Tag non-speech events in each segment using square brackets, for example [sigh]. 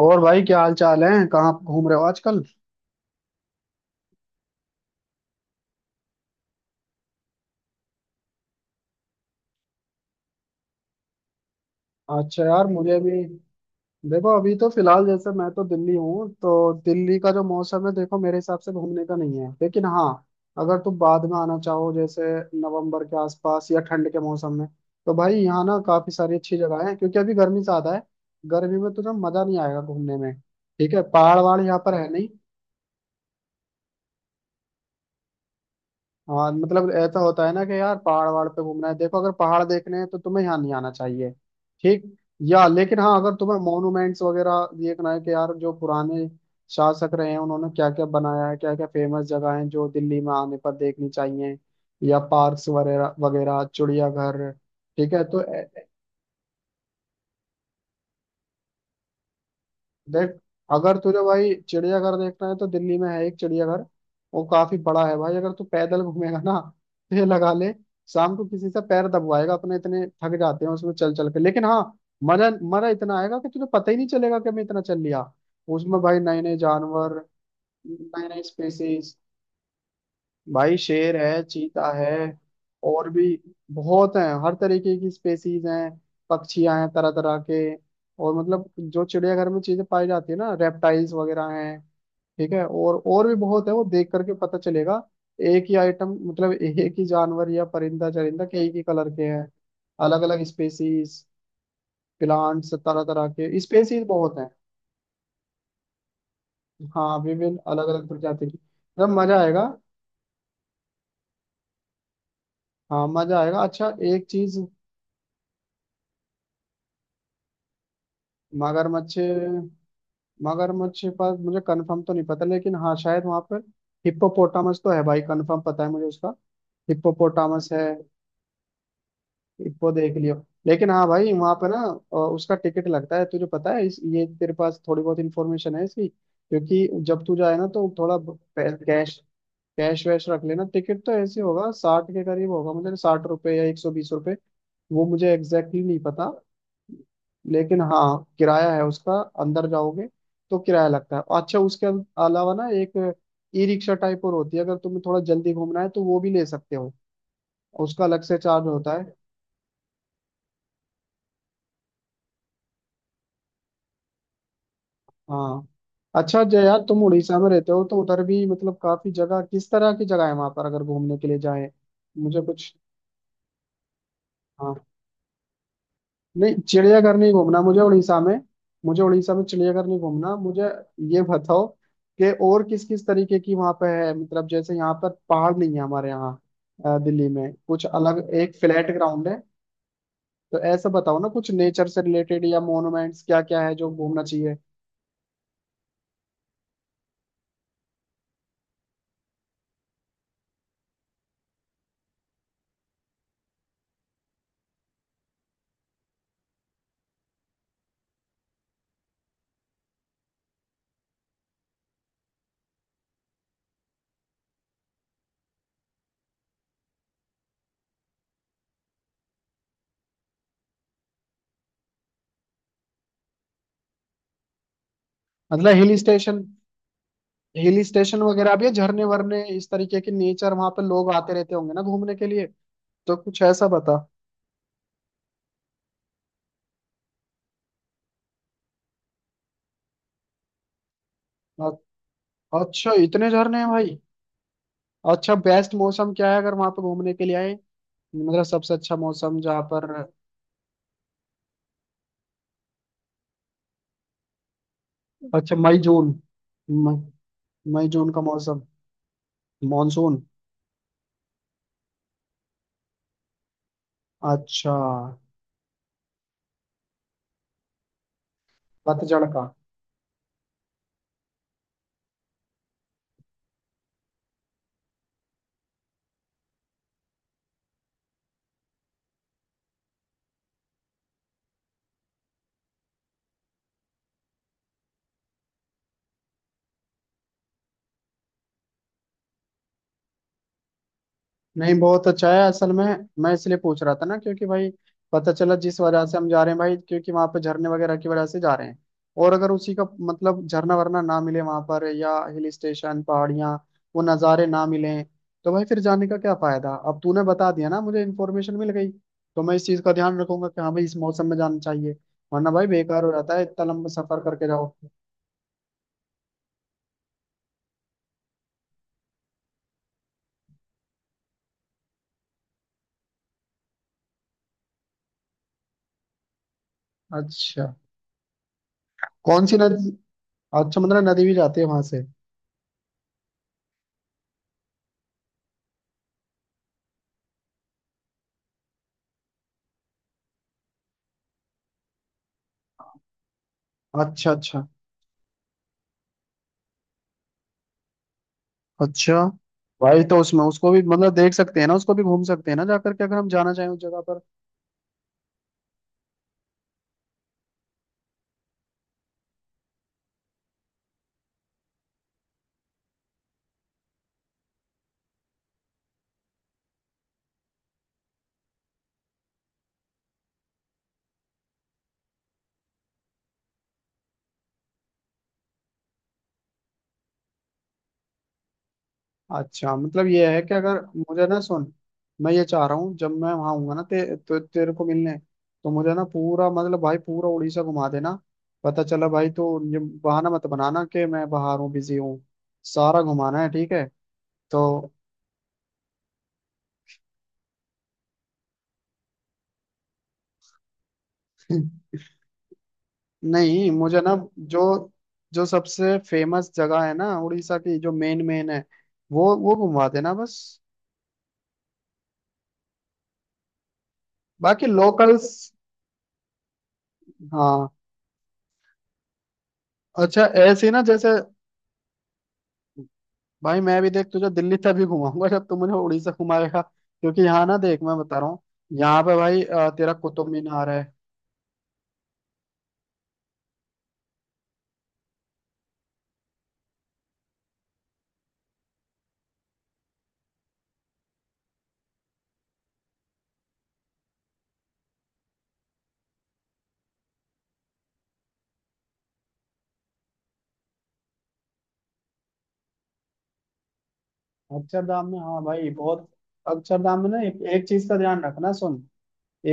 और भाई क्या हाल चाल है। कहाँ घूम रहे हो आजकल? अच्छा यार, मुझे भी देखो अभी तो फिलहाल जैसे मैं तो दिल्ली हूँ, तो दिल्ली का जो मौसम है देखो मेरे हिसाब से घूमने का नहीं है। लेकिन हाँ, अगर तुम बाद में आना चाहो जैसे नवंबर के आसपास या ठंड के मौसम में, तो भाई यहाँ ना काफी सारी अच्छी जगह है क्योंकि अभी गर्मी ज्यादा है। गर्मी में तुझे मजा नहीं आएगा घूमने में। ठीक है, पहाड़ वहाड़ यहाँ पर है नहीं। हाँ मतलब ऐसा होता है ना कि यार पहाड़ वहाड़ पे घूमना है। देखो, अगर पहाड़ देखने हैं तो तुम्हें यहाँ नहीं आना चाहिए। ठीक, या लेकिन हाँ, अगर तुम्हें मॉन्यूमेंट्स वगैरह देखना है कि यार जो पुराने शासक रहे हैं उन्होंने क्या क्या बनाया है, क्या क्या फेमस जगह हैं जो दिल्ली में आने पर देखनी चाहिए, या पार्क्स वगैरह वगैरह, चिड़ियाघर। ठीक है तो देख, अगर तुझे भाई चिड़ियाघर देखना है, तो दिल्ली में है एक चिड़ियाघर। वो काफी बड़ा है भाई। अगर तू पैदल घूमेगा ना, तो ये लगा ले, शाम को किसी से पैर दबवाएगा अपने, इतने थक जाते हैं उसमें चल चल के। लेकिन हाँ, मजा मजा इतना आएगा कि तुझे पता ही नहीं चलेगा कि मैं इतना चल लिया। उसमें भाई नए नए जानवर, नए नए स्पेसीज। भाई शेर है, चीता है और भी बहुत हैं। हर तरीके की स्पेसीज हैं। पक्षियां हैं तरह तरह के। और मतलब जो चिड़ियाघर में चीजें पाई जाती है ना, रेप्टाइल्स वगैरह हैं। ठीक है, और भी बहुत है, वो देख करके पता चलेगा। एक ही आइटम मतलब एक ही जानवर या परिंदा चरिंदा कई ही कलर के हैं। अलग अलग स्पेसीज, प्लांट्स तरह तरह के स्पेसीज बहुत हैं। हाँ विभिन्न अलग अलग प्रजाति की, मतलब मजा आएगा। हाँ मजा आएगा। अच्छा एक चीज मगरमच्छ, मगरमच्छ के पास मुझे कंफर्म तो नहीं पता, लेकिन हाँ शायद वहां पर हिप्पोपोटामस तो है भाई, कंफर्म पता है मुझे उसका। हिप्पोपोटामस है, हिप्पो देख लियो। लेकिन हाँ भाई वहां पर ना उसका टिकट लगता है। तुझे पता है इस ये तेरे पास थोड़ी बहुत इन्फॉर्मेशन है इसकी, क्योंकि जब तू जाए ना तो थोड़ा कैश कैश वैश रख लेना। टिकट तो ऐसे होगा 60 के करीब होगा, मुझे 60 रुपए या 120 रुपए, वो मुझे एग्जैक्टली नहीं पता। लेकिन हाँ किराया है उसका, अंदर जाओगे तो किराया लगता है। अच्छा, उसके अलावा ना एक ई रिक्शा टाइप और होती है। अगर तुम्हें थोड़ा जल्दी घूमना है तो वो भी ले सकते हो, उसका अलग से चार्ज होता है। हाँ, अच्छा जय यार, तुम उड़ीसा में रहते हो तो उधर भी मतलब काफी जगह, किस तरह की जगह है वहां पर अगर घूमने के लिए जाए? मुझे कुछ, हाँ नहीं, चिड़ियाघर नहीं घूमना मुझे उड़ीसा में। मुझे उड़ीसा में चिड़ियाघर नहीं घूमना, मुझे ये बताओ कि और किस किस तरीके की वहां पे है, मतलब जैसे यहाँ पर पहाड़ नहीं है हमारे यहाँ। दिल्ली में कुछ अलग, एक फ्लैट ग्राउंड है। तो ऐसा बताओ ना कुछ नेचर से रिलेटेड, या मोन्यूमेंट्स क्या क्या है जो घूमना चाहिए। मतलब हिल स्टेशन, हिल स्टेशन वगैरह भी है? झरने वरने इस तरीके के नेचर, वहां पे लोग आते रहते होंगे ना घूमने के लिए? तो कुछ ऐसा बता। अ- अच्छा इतने झरने हैं भाई! अच्छा बेस्ट मौसम क्या है अगर वहां पे घूमने के लिए आए, मतलब सबसे अच्छा मौसम जहाँ पर। अच्छा मई जून, मई मई जून का मौसम? मॉनसून? अच्छा, पतझड़ का। नहीं, बहुत अच्छा है असल में। मैं इसलिए पूछ रहा था ना, क्योंकि भाई पता चला जिस वजह से हम जा रहे हैं भाई, क्योंकि वहां पे झरने वगैरह की वजह से जा रहे हैं। और अगर उसी का मतलब झरना वरना ना मिले वहां पर, या हिल स्टेशन पहाड़ियाँ वो नज़ारे ना मिले, तो भाई फिर जाने का क्या फायदा। अब तूने बता दिया ना मुझे, इन्फॉर्मेशन मिल गई। तो मैं इस चीज़ का ध्यान रखूंगा कि हाँ भाई इस मौसम में जाना चाहिए, वरना भाई बेकार हो जाता है इतना लंबा सफर करके जाओ। अच्छा कौन सी नदी? अच्छा मतलब नदी भी जाती है वहां से। अच्छा अच्छा अच्छा, भाई तो उसमें उसको भी मतलब देख सकते हैं ना, उसको भी घूम सकते हैं ना जाकर के, अगर हम जाना चाहें उस जगह पर। अच्छा मतलब ये है कि अगर मुझे ना सुन, मैं ये चाह रहा हूँ जब मैं वहां आऊंगा ना तेरे को मिलने, तो मुझे ना पूरा मतलब भाई पूरा उड़ीसा घुमा देना। पता चला भाई तो ये बहाना मत बनाना कि मैं बाहर हूँ बिजी हूँ, सारा घुमाना है, ठीक है तो? [clears throat] [laughs] नहीं, मुझे ना जो, जो सबसे फेमस जगह है ना उड़ीसा की, जो मेन मेन है वो घुमा देना बस, बाकी लोकल्स। हाँ, अच्छा ऐसे ही ना जैसे। भाई मैं भी देख, तुझे दिल्ली तभी घुमाऊंगा जब तू मुझे उड़ीसा घुमाएगा, क्योंकि यहाँ ना देख मैं बता रहा हूँ, यहाँ पे भाई तेरा कुतुब मीनार है। अक्षरधाम में, हाँ भाई बहुत। अक्षरधाम में ना एक चीज का ध्यान रखना सुन,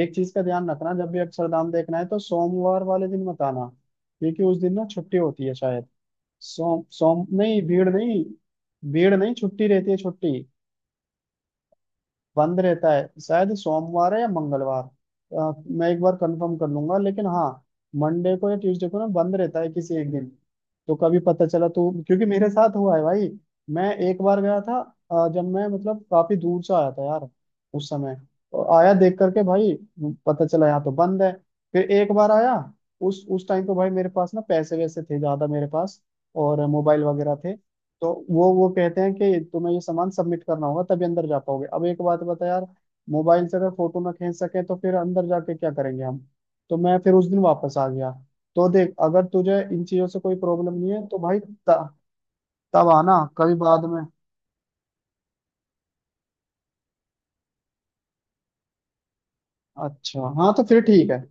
एक चीज का ध्यान रखना। जब भी अक्षरधाम देखना है तो सोमवार वाले दिन मत आना, क्योंकि उस दिन ना छुट्टी होती है शायद। सोम सोम नहीं, भीड़ नहीं, भीड़ नहीं, छुट्टी रहती है, छुट्टी। बंद रहता है शायद, सोमवार है या मंगलवार, मैं एक बार कंफर्म कर लूंगा। लेकिन हाँ मंडे को या ट्यूसडे को ना बंद रहता है किसी एक दिन। तो कभी पता चला तो, क्योंकि मेरे साथ हुआ है भाई, मैं एक बार गया था। जब मैं मतलब काफी दूर से आया था यार उस समय, और आया देख करके भाई पता चला यहाँ तो बंद है। फिर एक बार आया, उस टाइम पे भाई मेरे पास ना पैसे वैसे थे ज्यादा मेरे पास, और मोबाइल वगैरह थे। तो वो कहते हैं कि तुम्हें ये सामान सबमिट करना होगा तभी अंदर जा पाओगे। अब एक बात बता यार, मोबाइल से अगर फोटो ना खींच सके तो फिर अंदर जाके क्या करेंगे हम? तो मैं फिर उस दिन वापस आ गया। तो देख, अगर तुझे इन चीजों से कोई प्रॉब्लम नहीं है तो भाई तब आना कभी बाद में। अच्छा हाँ तो फिर ठीक है।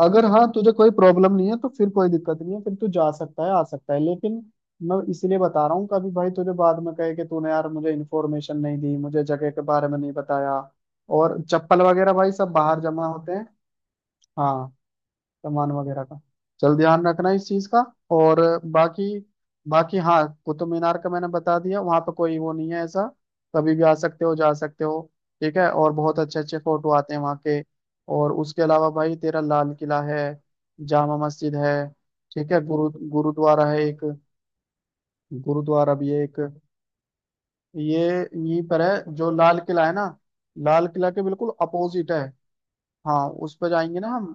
अगर हाँ तुझे कोई प्रॉब्लम नहीं है तो फिर कोई दिक्कत नहीं है, फिर तू जा सकता है आ सकता है, लेकिन मैं इसलिए बता रहा हूँ कभी भाई तुझे बाद में कहे कि तूने यार मुझे इन्फॉर्मेशन नहीं दी, मुझे जगह के बारे में नहीं बताया। और चप्पल वगैरह भाई सब बाहर जमा होते हैं हाँ, सामान वगैरह का। चल ध्यान रखना इस चीज का। और बाकी, बाकी हाँ, कुतुब मीनार का मैंने बता दिया, वहां पर कोई वो नहीं है ऐसा, कभी भी आ सकते हो जा सकते हो। ठीक है, और बहुत अच्छे अच्छे फोटो आते हैं वहाँ के। और उसके अलावा भाई तेरा लाल किला है, जामा मस्जिद है। ठीक है, गुरुद्वारा है एक, गुरुद्वारा भी है एक। ये यहीं पर है जो लाल किला है ना, लाल किला के बिल्कुल अपोजिट है। हाँ उस पर जाएंगे ना हम।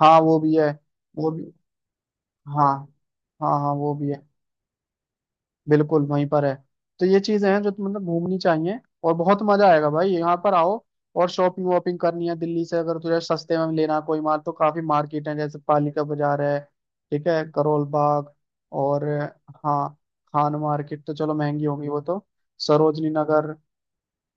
हाँ वो भी है, वो भी, हाँ हाँ, हाँ वो भी है, बिल्कुल वहीं पर है। तो ये चीजें हैं जो तो मतलब घूमनी चाहिए, और बहुत मजा आएगा भाई, यहाँ पर आओ। और शॉपिंग वॉपिंग करनी है दिल्ली से, अगर तुझे सस्ते में लेना कोई माल, तो काफी मार्केट है जैसे पालिका बाजार है। ठीक है, करोल बाग, और हाँ, खान मार्केट तो चलो महंगी होगी वो तो। सरोजनी नगर,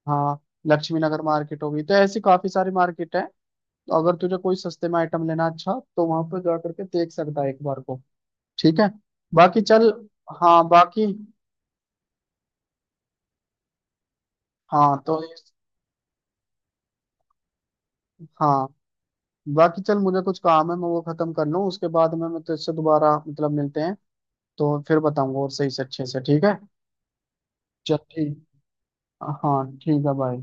हाँ, लक्ष्मी नगर मार्केट होगी, तो ऐसी काफी सारी मार्केट है। तो अगर तुझे कोई सस्ते में आइटम लेना, अच्छा तो वहां पर जा करके देख सकता है एक बार को। ठीक है, बाकी चल, हाँ बाकी, हाँ तो, हाँ बाकी चल, मुझे कुछ काम है, मैं वो खत्म कर लूँ, उसके बाद में मैं तुझसे दोबारा मतलब मिलते हैं। तो फिर बताऊंगा और सही से अच्छे से, ठीक है? चल ठीक, हाँ ठीक है, बाय।